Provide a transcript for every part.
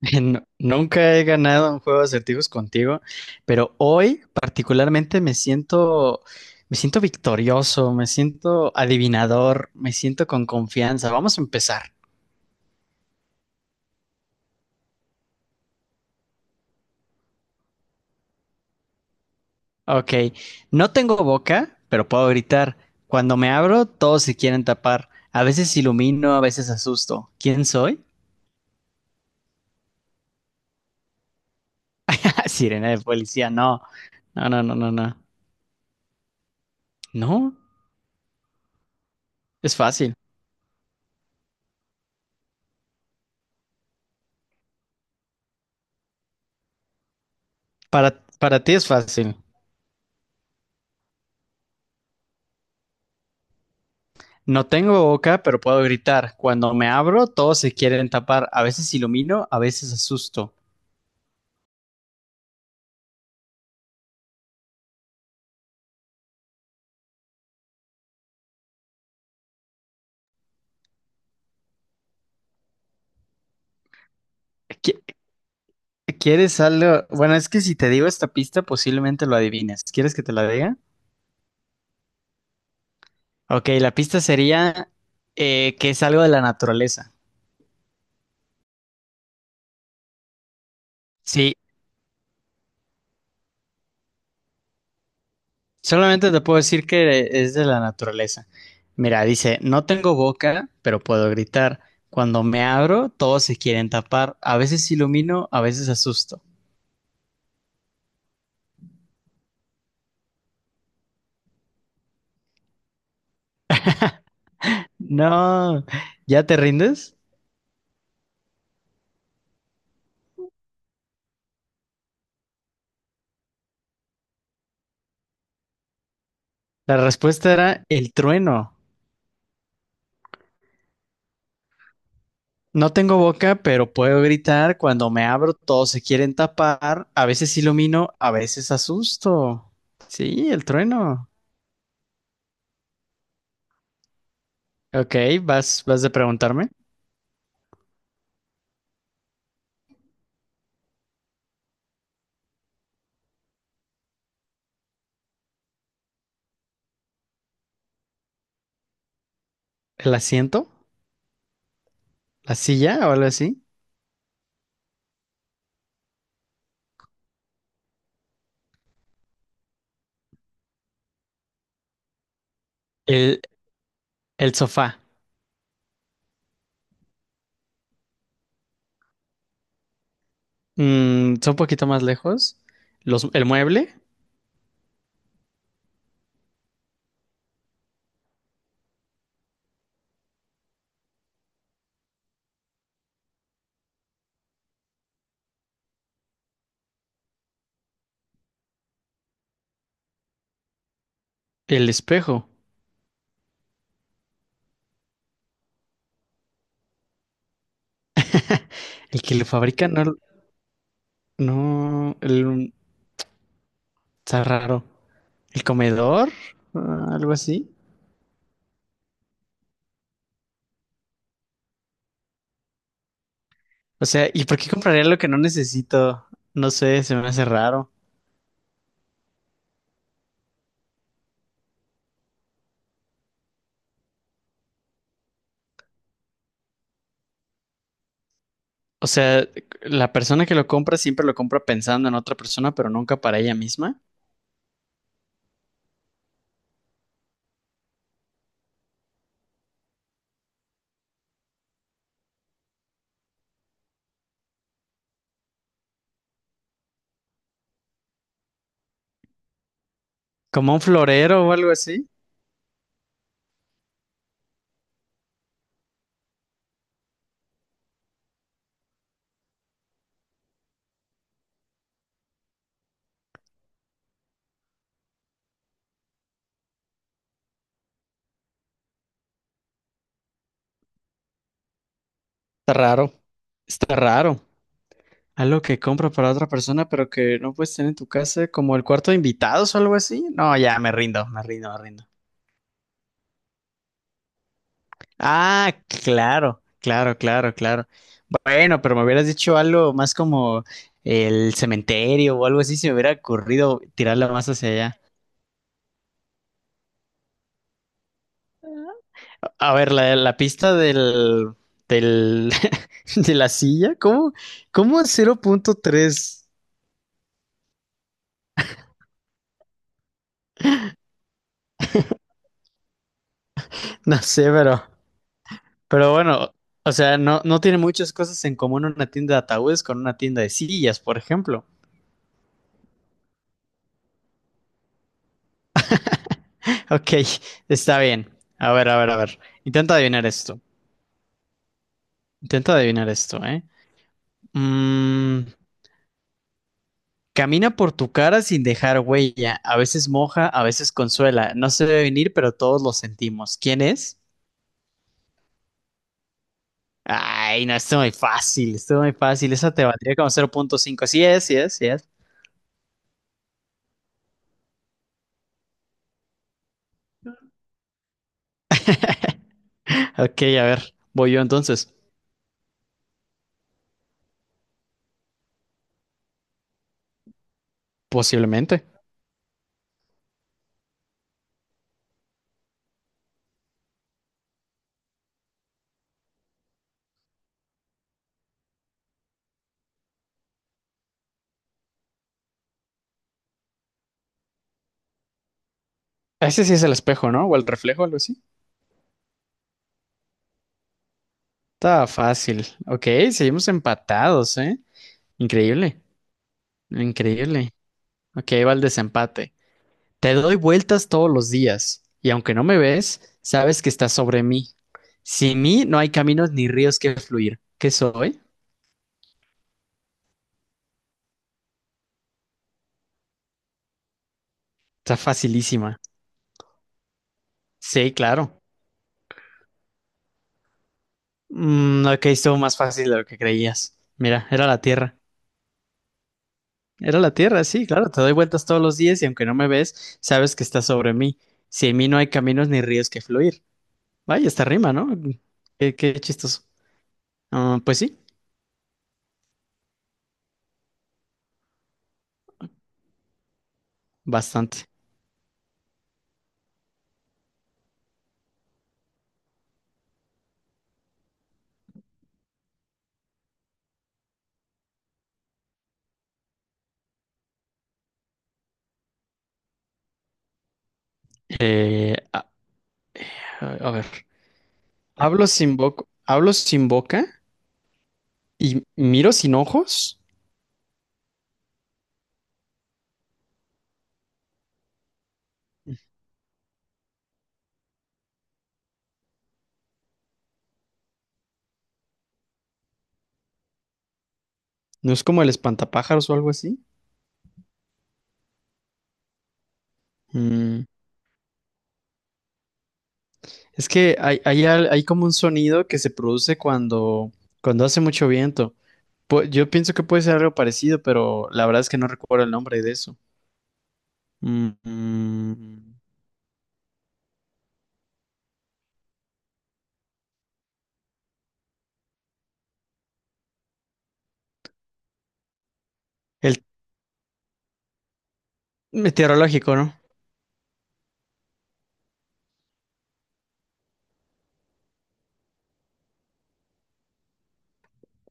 Nunca he ganado un juego de acertijos contigo, pero hoy particularmente me siento victorioso, me siento adivinador, me siento con confianza. Vamos a empezar. Ok, no tengo boca, pero puedo gritar. Cuando me abro, todos se quieren tapar. A veces ilumino, a veces asusto. ¿Quién soy? Sirena de policía, no. No, no, no, no, no. No, es fácil. Para ti es fácil. No tengo boca, pero puedo gritar. Cuando me abro, todos se quieren tapar. A veces ilumino, a veces asusto. ¿Qui- ¿Quieres algo? Bueno, es que si te digo esta pista, posiblemente lo adivines. ¿Quieres que te la diga? Ok, la pista sería que es algo de la naturaleza. Sí, solamente te puedo decir que es de la naturaleza. Mira, dice, no tengo boca, pero puedo gritar. Cuando me abro, todos se quieren tapar. A veces ilumino, a veces asusto. No, ¿ya te rindes? La respuesta era el trueno. No tengo boca, pero puedo gritar. Cuando me abro, todos se quieren tapar. A veces ilumino, a veces asusto. Sí, el trueno. Ok, vas de preguntarme. ¿El asiento? ¿La silla o algo así? El, el sofá. Mm, son un poquito más lejos. El mueble, el espejo. El que lo fabrica no, no, está raro. El comedor, ah, algo así. O sea, ¿y por qué compraría lo que no necesito? No sé, se me hace raro. O sea, la persona que lo compra siempre lo compra pensando en otra persona, pero nunca para ella misma. Como un florero o algo así. Está raro. Está raro. Algo que compra para otra persona, pero que no puedes tener en tu casa, como el cuarto de invitados o algo así. No, ya me rindo, me rindo, me rindo. Ah, claro, claro, claro, claro. Bueno, pero me hubieras dicho algo más como el cementerio o algo así, se me hubiera ocurrido tirarla más hacia allá. A ver, la pista del de la silla, ¿cómo 0,3? No sé, pero bueno, o sea, no, no tiene muchas cosas en común una tienda de ataúdes con una tienda de sillas, por ejemplo. Ok, está bien. A ver, a ver, a ver. Intenta adivinar esto. Intenta adivinar esto, ¿eh? Mm, Camina por tu cara sin dejar huella. A veces moja, a veces consuela. No se debe venir, pero todos lo sentimos. ¿Quién es? Ay, no, esto es muy fácil, esto es muy fácil. Esa te valdría como 0,5. Sí es, sí es, sí es. Ok, a ver, voy yo entonces. Posiblemente. Ese sí es el espejo, ¿no? O el reflejo, algo así. Está fácil. Ok, seguimos empatados, ¿eh? Increíble, increíble. Ok, va el desempate. Te doy vueltas todos los días, y aunque no me ves, sabes que estás sobre mí. Sin mí no hay caminos ni ríos que fluir. ¿Qué soy? Está facilísima. Sí, claro. Mm, ok, estuvo más fácil de lo que creías. Mira, era la Tierra. Era la Tierra, sí, claro. Te doy vueltas todos los días y aunque no me ves, sabes que estás sobre mí. Sin mí no hay caminos ni ríos que fluir. Vaya, esta rima, ¿no? Qué, qué chistoso. Ah, pues sí, bastante. Eh, a a ver. Hablo sin boca y miro sin ojos. ¿No es como el espantapájaros o algo así? Mm, Es que hay como un sonido que se produce cuando hace mucho viento. Yo pienso que puede ser algo parecido, pero la verdad es que no recuerdo el nombre de eso. Mm, mm, el meteorológico, ¿no?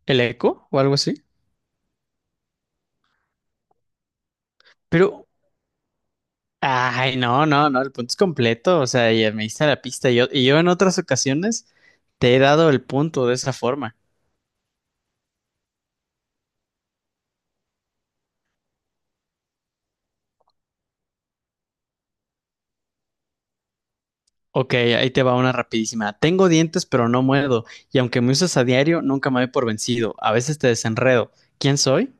¿El eco o algo así? Pero Ay, no, no, no, el punto es completo, o sea, ya me diste la pista. Y yo en otras ocasiones te he dado el punto de esa forma. Ok, ahí te va una rapidísima. Tengo dientes, pero no muerdo, y aunque me usas a diario, nunca me doy por vencido. A veces te desenredo. ¿Quién soy?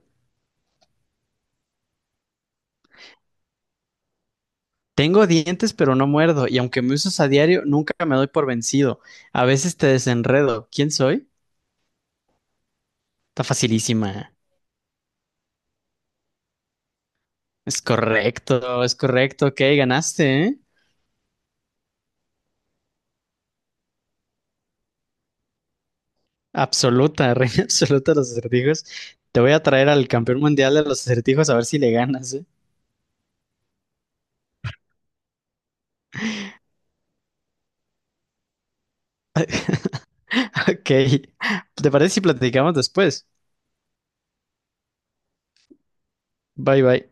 Tengo dientes, pero no muerdo, y aunque me usas a diario, nunca me doy por vencido. A veces te desenredo. ¿Quién soy? Está facilísima. Es correcto, es correcto. Ok, ganaste, ¿eh? Absoluta, reina absoluta de los acertijos. Te voy a traer al campeón mundial de los acertijos a ver si le ganas, ¿eh? Ok. ¿Te parece si platicamos después? Bye bye.